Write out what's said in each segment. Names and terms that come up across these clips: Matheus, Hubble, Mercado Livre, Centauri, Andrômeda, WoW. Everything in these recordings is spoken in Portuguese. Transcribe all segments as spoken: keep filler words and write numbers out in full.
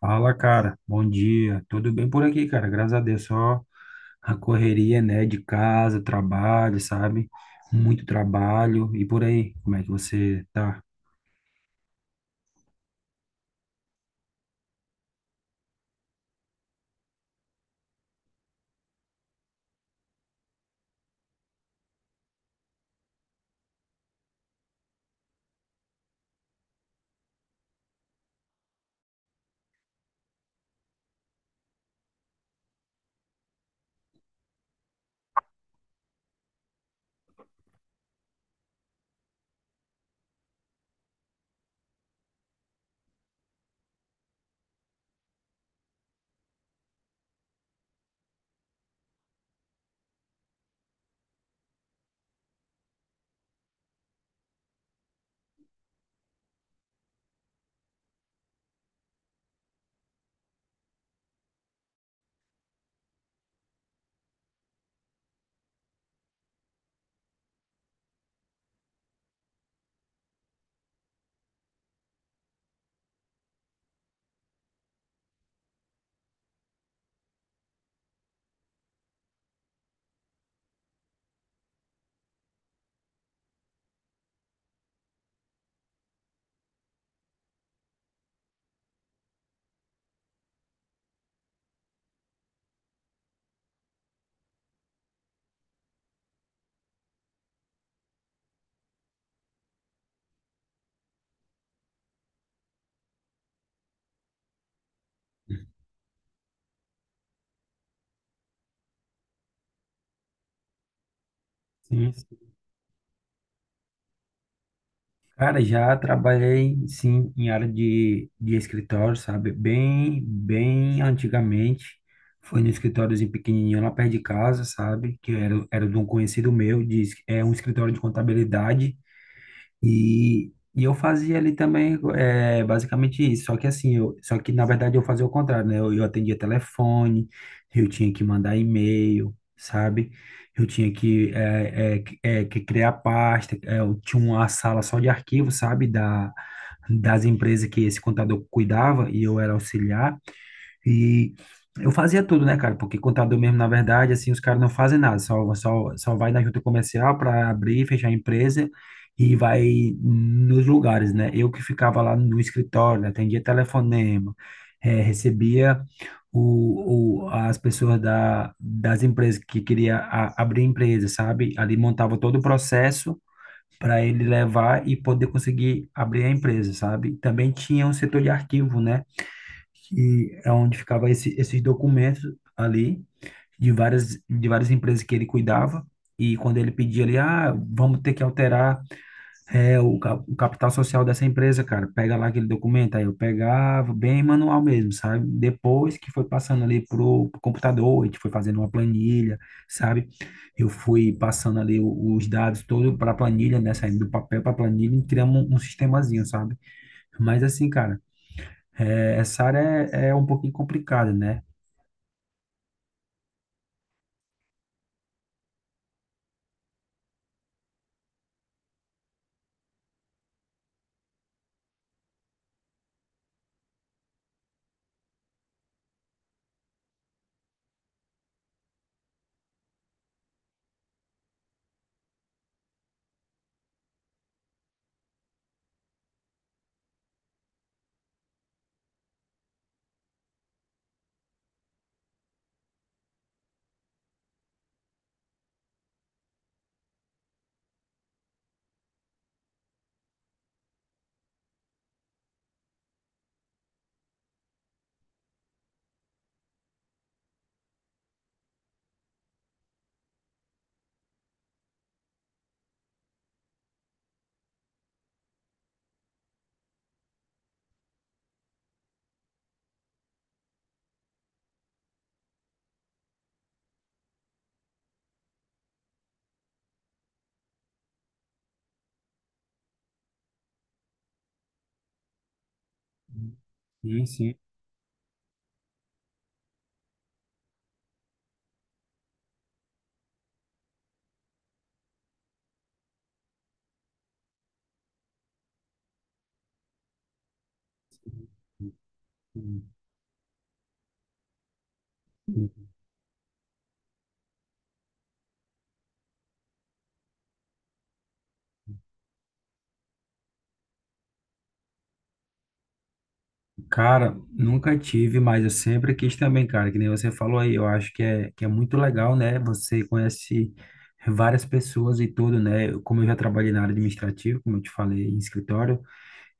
Fala, cara. Bom dia. Tudo bem por aqui, cara? Graças a Deus. Só a correria, né? De casa, trabalho, sabe? Muito trabalho. E por aí, como é que você tá? Sim. sim. Cara, já trabalhei, sim, em área de, de escritório, sabe? Bem, bem antigamente. Foi num escritóriozinho pequenininho lá perto de casa, sabe? Que era, era de um conhecido meu. Diz, é um escritório de contabilidade. E, e eu fazia ali também é, basicamente isso. Só que assim, eu, só que na verdade eu fazia o contrário, né? Eu, eu atendia telefone, eu tinha que mandar e-mail, sabe? Eu tinha que, é, é, que- é, que criar pasta, é, eu tinha uma sala só de arquivos, sabe? Da, das empresas que esse contador cuidava e eu era auxiliar. E eu fazia tudo, né, cara? Porque contador mesmo, na verdade, assim, os caras não fazem nada, só, só, só vai na junta comercial para abrir e fechar a empresa e vai nos lugares, né? Eu que ficava lá no escritório, né? Atendia telefonema, eh, recebia o, o, as pessoas da, das empresas que queria a- abrir empresa, sabe? Ali montava todo o processo para ele levar e poder conseguir abrir a empresa, sabe? Também tinha um setor de arquivo, né? Que é onde ficava esse, esses documentos ali de várias de várias empresas que ele cuidava. E quando ele pedia ali, ah, vamos ter que alterar é, o, ca- o capital social dessa empresa, cara, pega lá aquele documento. Aí eu pegava bem manual mesmo, sabe? Depois que foi passando ali pro, pro computador, a gente foi fazendo uma planilha, sabe? Eu fui passando ali o- os dados todo para a planilha, né? Saindo do papel para a planilha e criamos um, um sistemazinho, sabe? Mas assim, cara, é, essa área é, é um pouquinho complicada, né? Sim, sim. Cara, nunca tive, mas eu sempre quis também, cara, que nem você falou aí, eu acho que é, que é muito legal, né? Você conhece várias pessoas e tudo, né? Eu- Como eu já trabalhei na área administrativa, como eu te falei, em escritório,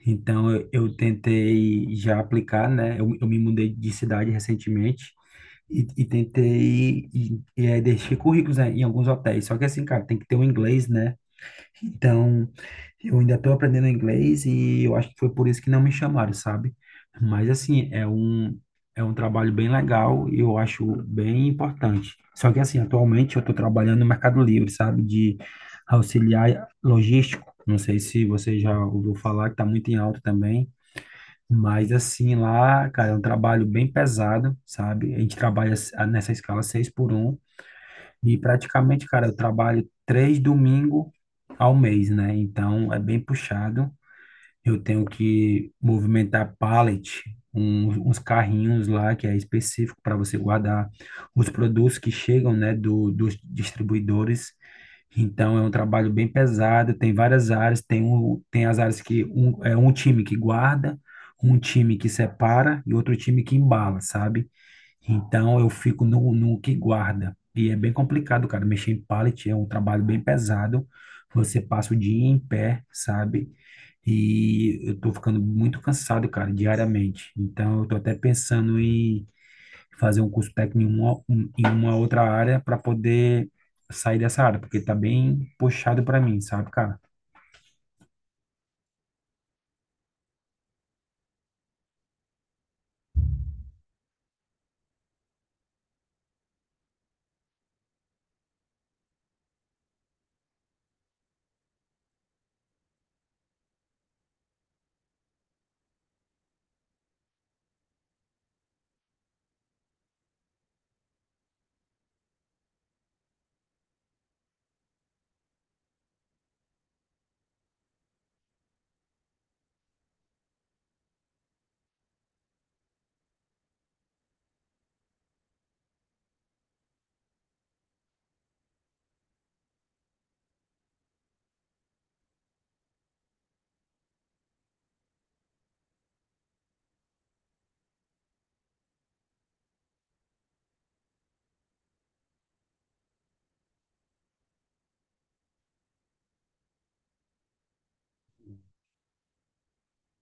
então eu, eu tentei já aplicar, né? Eu, eu me mudei de cidade recentemente e, e tentei e, e, é, deixei currículos, né, em alguns hotéis, só que assim, cara, tem que ter um inglês, né? Então, eu ainda estou aprendendo inglês e eu acho que foi por isso que não me chamaram, sabe? Mas assim, é um é um trabalho bem legal e eu acho bem importante. Só que assim, atualmente eu estou trabalhando no Mercado Livre, sabe? De auxiliar logístico. Não sei se você já ouviu falar, que está muito em alta também. Mas assim, lá, cara, é um trabalho bem pesado, sabe? A gente trabalha s- nessa escala seis por um e praticamente, cara, eu trabalho três domingos ao mês, né? Então é bem puxado. Eu tenho que movimentar pallet, um- uns carrinhos lá que é específico para você guardar os produtos que chegam, né, do, dos distribuidores. Então é um trabalho bem pesado. Tem várias áreas. Tem, um, tem as áreas que um, é um time que guarda, um time que separa e outro time que embala, sabe? Então eu fico no, no que guarda. E é bem complicado, cara. Mexer em pallet é um trabalho bem pesado. Você passa o dia em pé, sabe? E eu tô ficando muito cansado, cara, diariamente. Então eu tô até pensando em fazer um curso técnico em uma, um- em uma outra área para poder sair dessa área, porque tá bem puxado para mim, sabe, cara?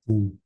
Sim,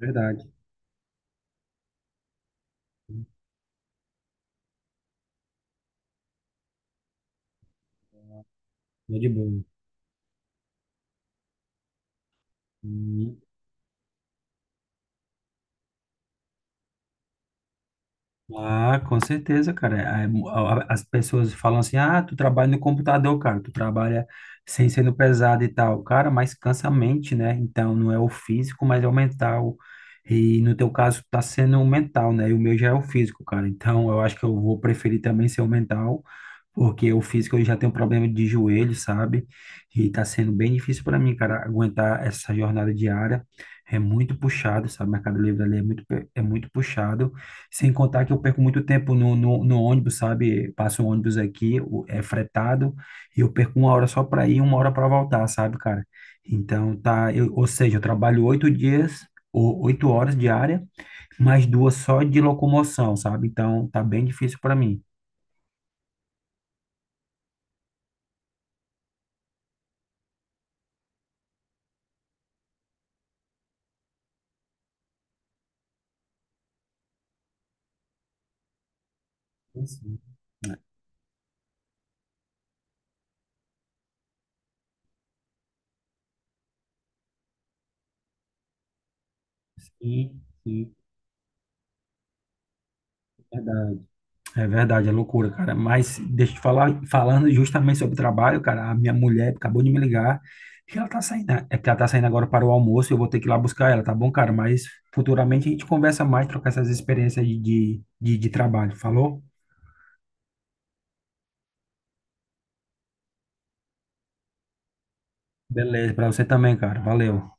verdade. É de boa. Ah, com certeza, cara. É, mu- a- a- As pessoas falam assim: ah, tu trabalha no computador, cara, tu trabalha sem sendo pesado e tal. Cara, mas cansa a mente, né? Então não é o físico, mas é o mental. E no teu caso tá sendo o mental, né? E o meu já é o físico, cara. Então eu acho que eu vou preferir também ser o mental, porque o físico eu já tenho problema de joelho, sabe? E tá sendo bem difícil para mim, cara, aguentar essa jornada diária. É muito puxado, sabe? Mercado Livre ali é muito, pe- é muito puxado. Sem contar que eu perco muito tempo no, no, no ônibus, sabe? Passo o ônibus aqui, o- é fretado, e eu perco uma hora só para ir, uma hora para voltar, sabe, cara? Então tá, eu, ou seja, eu trabalho oito dias, ou oito horas diária, mais duas só de locomoção, sabe? Então tá bem difícil para mim. Sim. Sim, sim, é verdade. É verdade, é loucura, cara. Mas deixa eu te falar, falando justamente sobre trabalho, cara, a minha mulher acabou de me ligar que ela tá saindo, né? É que ela tá saindo agora para o almoço, eu vou ter que ir lá buscar ela, tá bom, cara? Mas futuramente a gente conversa mais, trocar essas experiências de, de, de de trabalho, falou? Beleza, pra você também, cara. Valeu.